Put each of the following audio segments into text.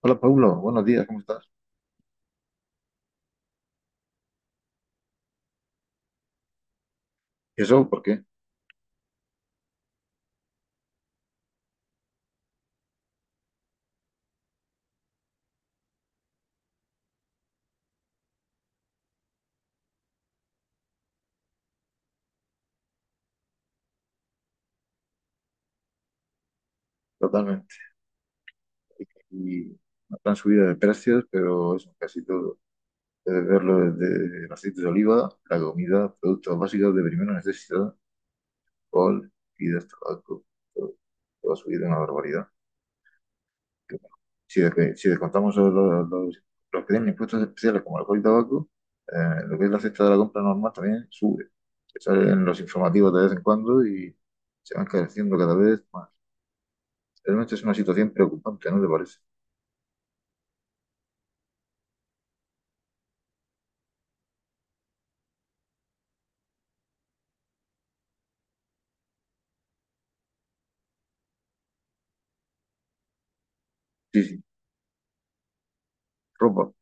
Hola Paulo, buenos días, ¿cómo estás? ¿Y eso? ¿Por qué? Totalmente. Y una gran subida de precios, pero eso, casi todo. Puedes verlo desde el aceite de oliva, la comida, productos básicos de primera necesidad, alcohol, bebidas, tabaco, todo, todo ha subido una barbaridad. Que bueno. Si, si descontamos los que tienen impuestos especiales como alcohol y tabaco, lo que es la cesta de la compra normal también sube. Salen los informativos de vez en cuando y se van encareciendo cada vez más. Realmente es una situación preocupante, ¿no te parece? Sí, sí, ropa,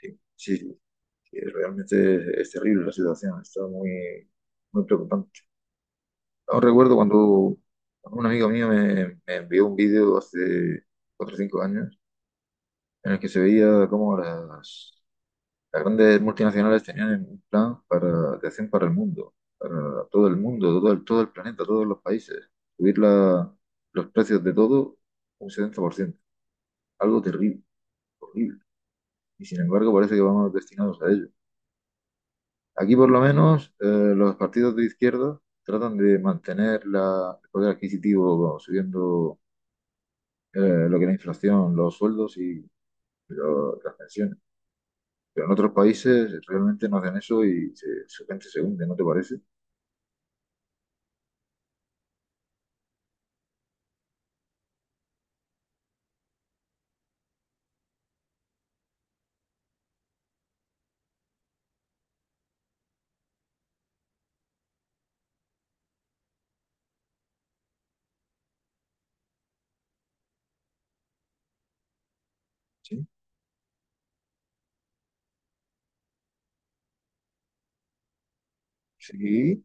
sí, sí, sí, sí. Realmente es terrible la situación. Está muy, muy preocupante. Aún recuerdo cuando un amigo mío me envió un vídeo hace 4 o 5 años, en el que se veía cómo las grandes multinacionales tenían un plan para de acción para el mundo, para todo el mundo, todo el planeta, todos los países, subir los precios de todo un 70%. Algo terrible. Horrible. Y sin embargo parece que vamos destinados a ello. Aquí por lo menos los partidos de izquierda tratan de mantener el poder adquisitivo, bueno, subiendo lo que es la inflación, los sueldos y las pensiones. Pero en otros países realmente no hacen eso y se, su gente se hunde, ¿no te parece? Sí, sí.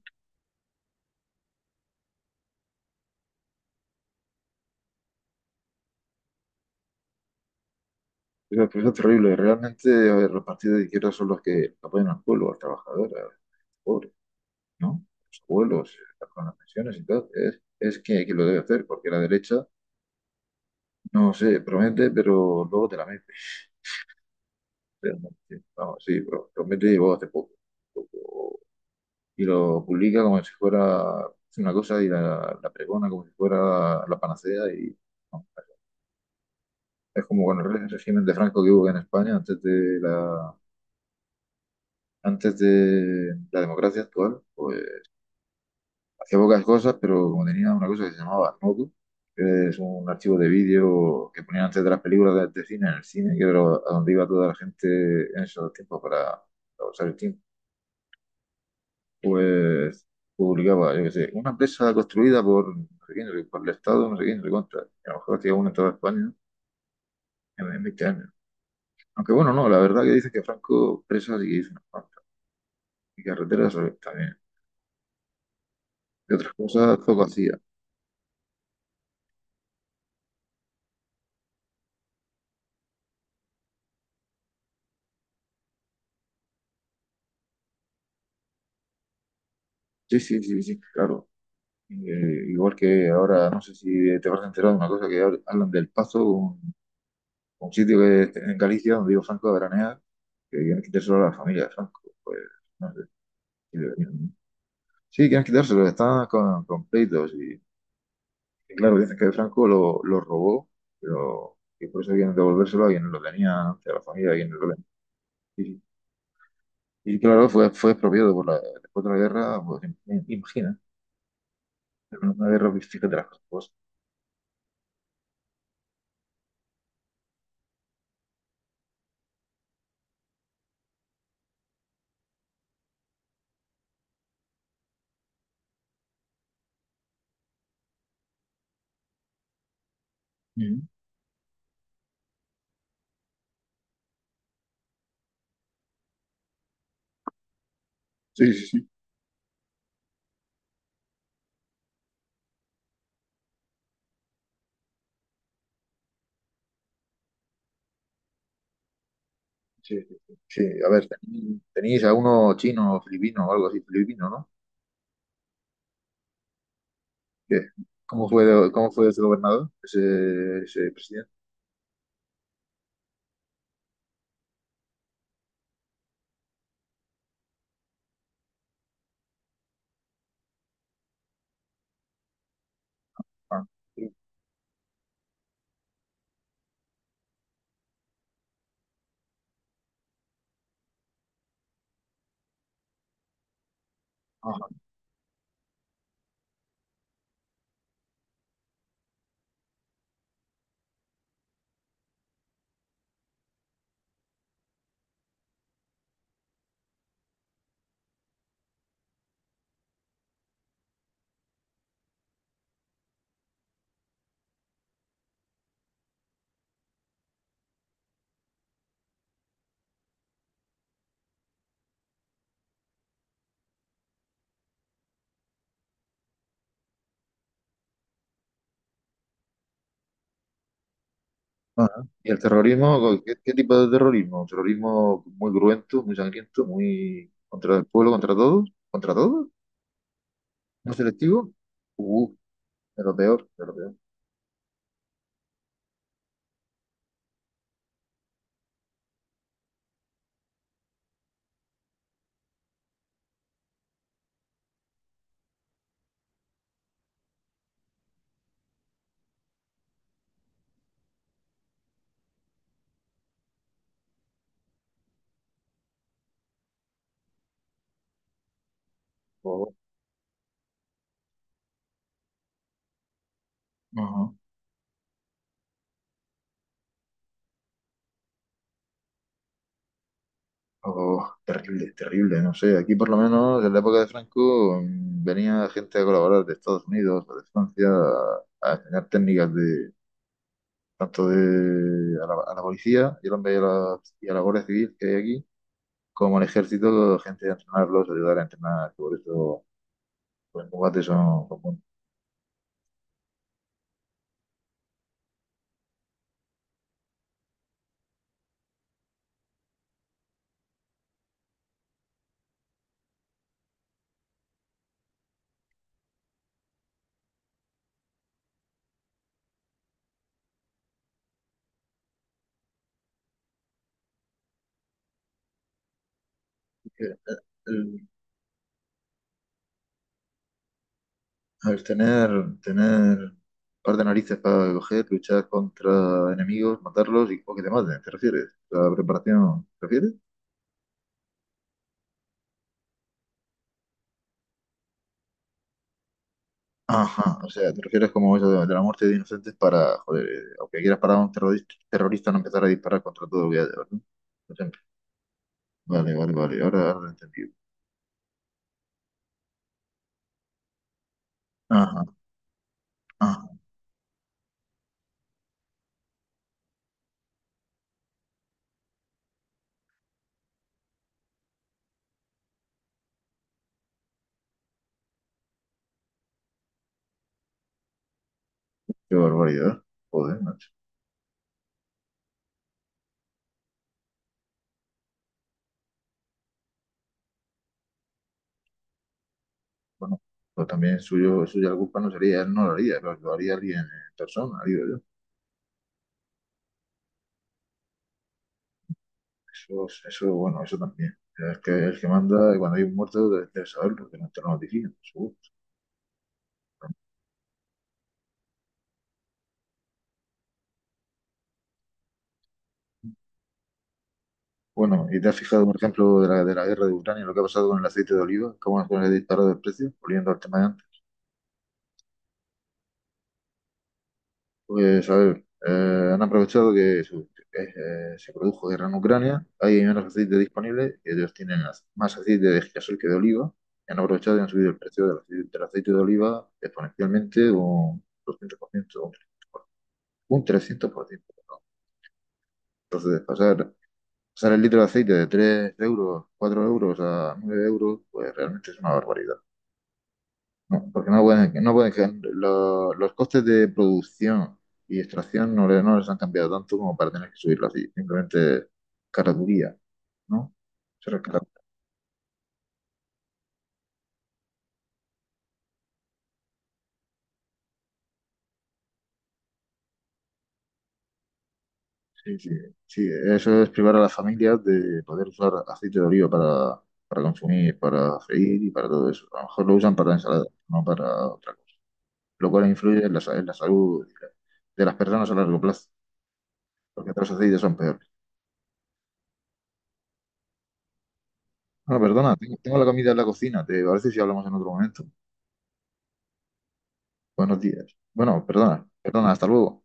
Eso es terrible. Realmente, a ver, los partidos de izquierda son los que apoyan al pueblo, al trabajador, al pobre, ¿no? Los abuelos, con las pensiones y tal. Es que lo debe hacer, porque la derecha, no sé, promete, pero luego te la metes. Realmente. Vamos, sí, promete llegó hace poco. Y lo publica como si fuera una cosa y la pregona como si fuera la panacea. Y no, es como con el régimen de Franco que hubo en España antes de la democracia actual. Pues hacía pocas cosas, pero como tenía una cosa que se llamaba Arnautu, que es un archivo de vídeo que ponían antes de las películas de cine en el cine, que era a donde iba toda la gente en esos tiempos para usar el tiempo, pues publicaba, yo qué sé, una empresa construida por no sé quién, no sé- por el Estado, no sé quién, no sé cuánto. Y a lo mejor hacía una en toda España en 20 años. Aunque bueno, no, la verdad que dice que Franco presas y que hizo unas cuantas. Y carreteras a también. Y otras cosas poco hacía. Sí, sí, sí, sí, claro. Igual que ahora, no sé si te vas a enterar de una cosa que hablan del Pazo, un sitio que en Galicia donde digo Franco a veranear, que tienen que quitar solo a la familia de Franco. Pues no sé. Sí, quieren quitárselo, está con pleitos. Y claro, dicen que Franco lo robó, pero que por eso quieren devolvérselo a quien lo tenía, a la familia, a quien lo tenía. Y, y claro, fue expropiado por después de la guerra, pues imagina, en una guerra, fíjate las cosas. Ujú. Sí, sí, sí. Sí, sí, sí. Sí, a ver, tenéis a uno chino, filipino o algo así, filipino, ¿no? ¿Qué? ¿Cómo fue ese gobernador, ese presidente? Ah, sí. Ah. Ajá. ¿Y el terrorismo? ¿Qué tipo de terrorismo? ¿Un terrorismo muy cruento, muy sangriento, muy contra el pueblo, contra todos? ¿Contra todos? ¿No selectivo? Uh, de lo peor, de lo peor. Oh, ajá. Oh, terrible, terrible, no sé. Aquí por lo menos en la época de Franco venía gente a colaborar de Estados Unidos o de Francia a enseñar técnicas de tanto de a la policía y y a la Guardia Civil que hay aquí, como al ejército, gente a entrenarlos, ayudar a entrenar, por eso. Los juguetes son como el, el- el tener un par de narices para coger, luchar contra enemigos, matarlos y o que te maten, ¿te refieres? ¿La preparación, te refieres? Ajá, o sea, te refieres como eso de la muerte de inocentes para, joder, aunque quieras parar a un terrorista, terrorista no empezar a disparar contra todo lo que haya, ¿verdad? Por ejemplo. Vale, vale, vale, ahora, ahora lo he entendido. Ajá, ajá, qué barbaridad. Joder, macho. Bueno, pues también suyo, suya la culpa no sería, él no lo haría, lo haría alguien en persona, digo yo. Eso, es- eso, bueno, eso también. Es que el que manda, y cuando hay un muerto, debe saberlo, que no te lo notifican, seguro. Bueno, ¿y te has fijado, por ejemplo, de la guerra de Ucrania, lo que ha pasado con el aceite de oliva? ¿Cómo se ha disparado el precio? Volviendo al tema de antes. Pues, a ver, han aprovechado que se produjo guerra en Ucrania, hay menos aceite disponible, y ellos tienen más aceite de girasol que de oliva, y han aprovechado y han subido el precio del aceite de oliva exponencialmente un 200%, un 300%. Un 300%. Pues de pasar, pasar el litro de aceite de 3 euros, 4 euros a 9 euros, pues realmente es una barbaridad. No, porque no pueden, no pueden, los costes de producción y extracción no, no les han cambiado tanto como para tener que subirlo así, simplemente caraturía, ¿no? Eso es sí, sí, sí, eso es privar a las familias de poder usar aceite de oliva para, consumir, para freír y para todo eso. A lo mejor lo usan para ensalada, no para otra cosa. Lo cual influye en la salud de las personas a largo plazo, porque otros aceites son peores. Bueno, perdona, tengo, tengo la comida en la cocina, ¿te parece si hablamos en otro momento? Buenos días. Bueno, perdona, perdona, hasta luego.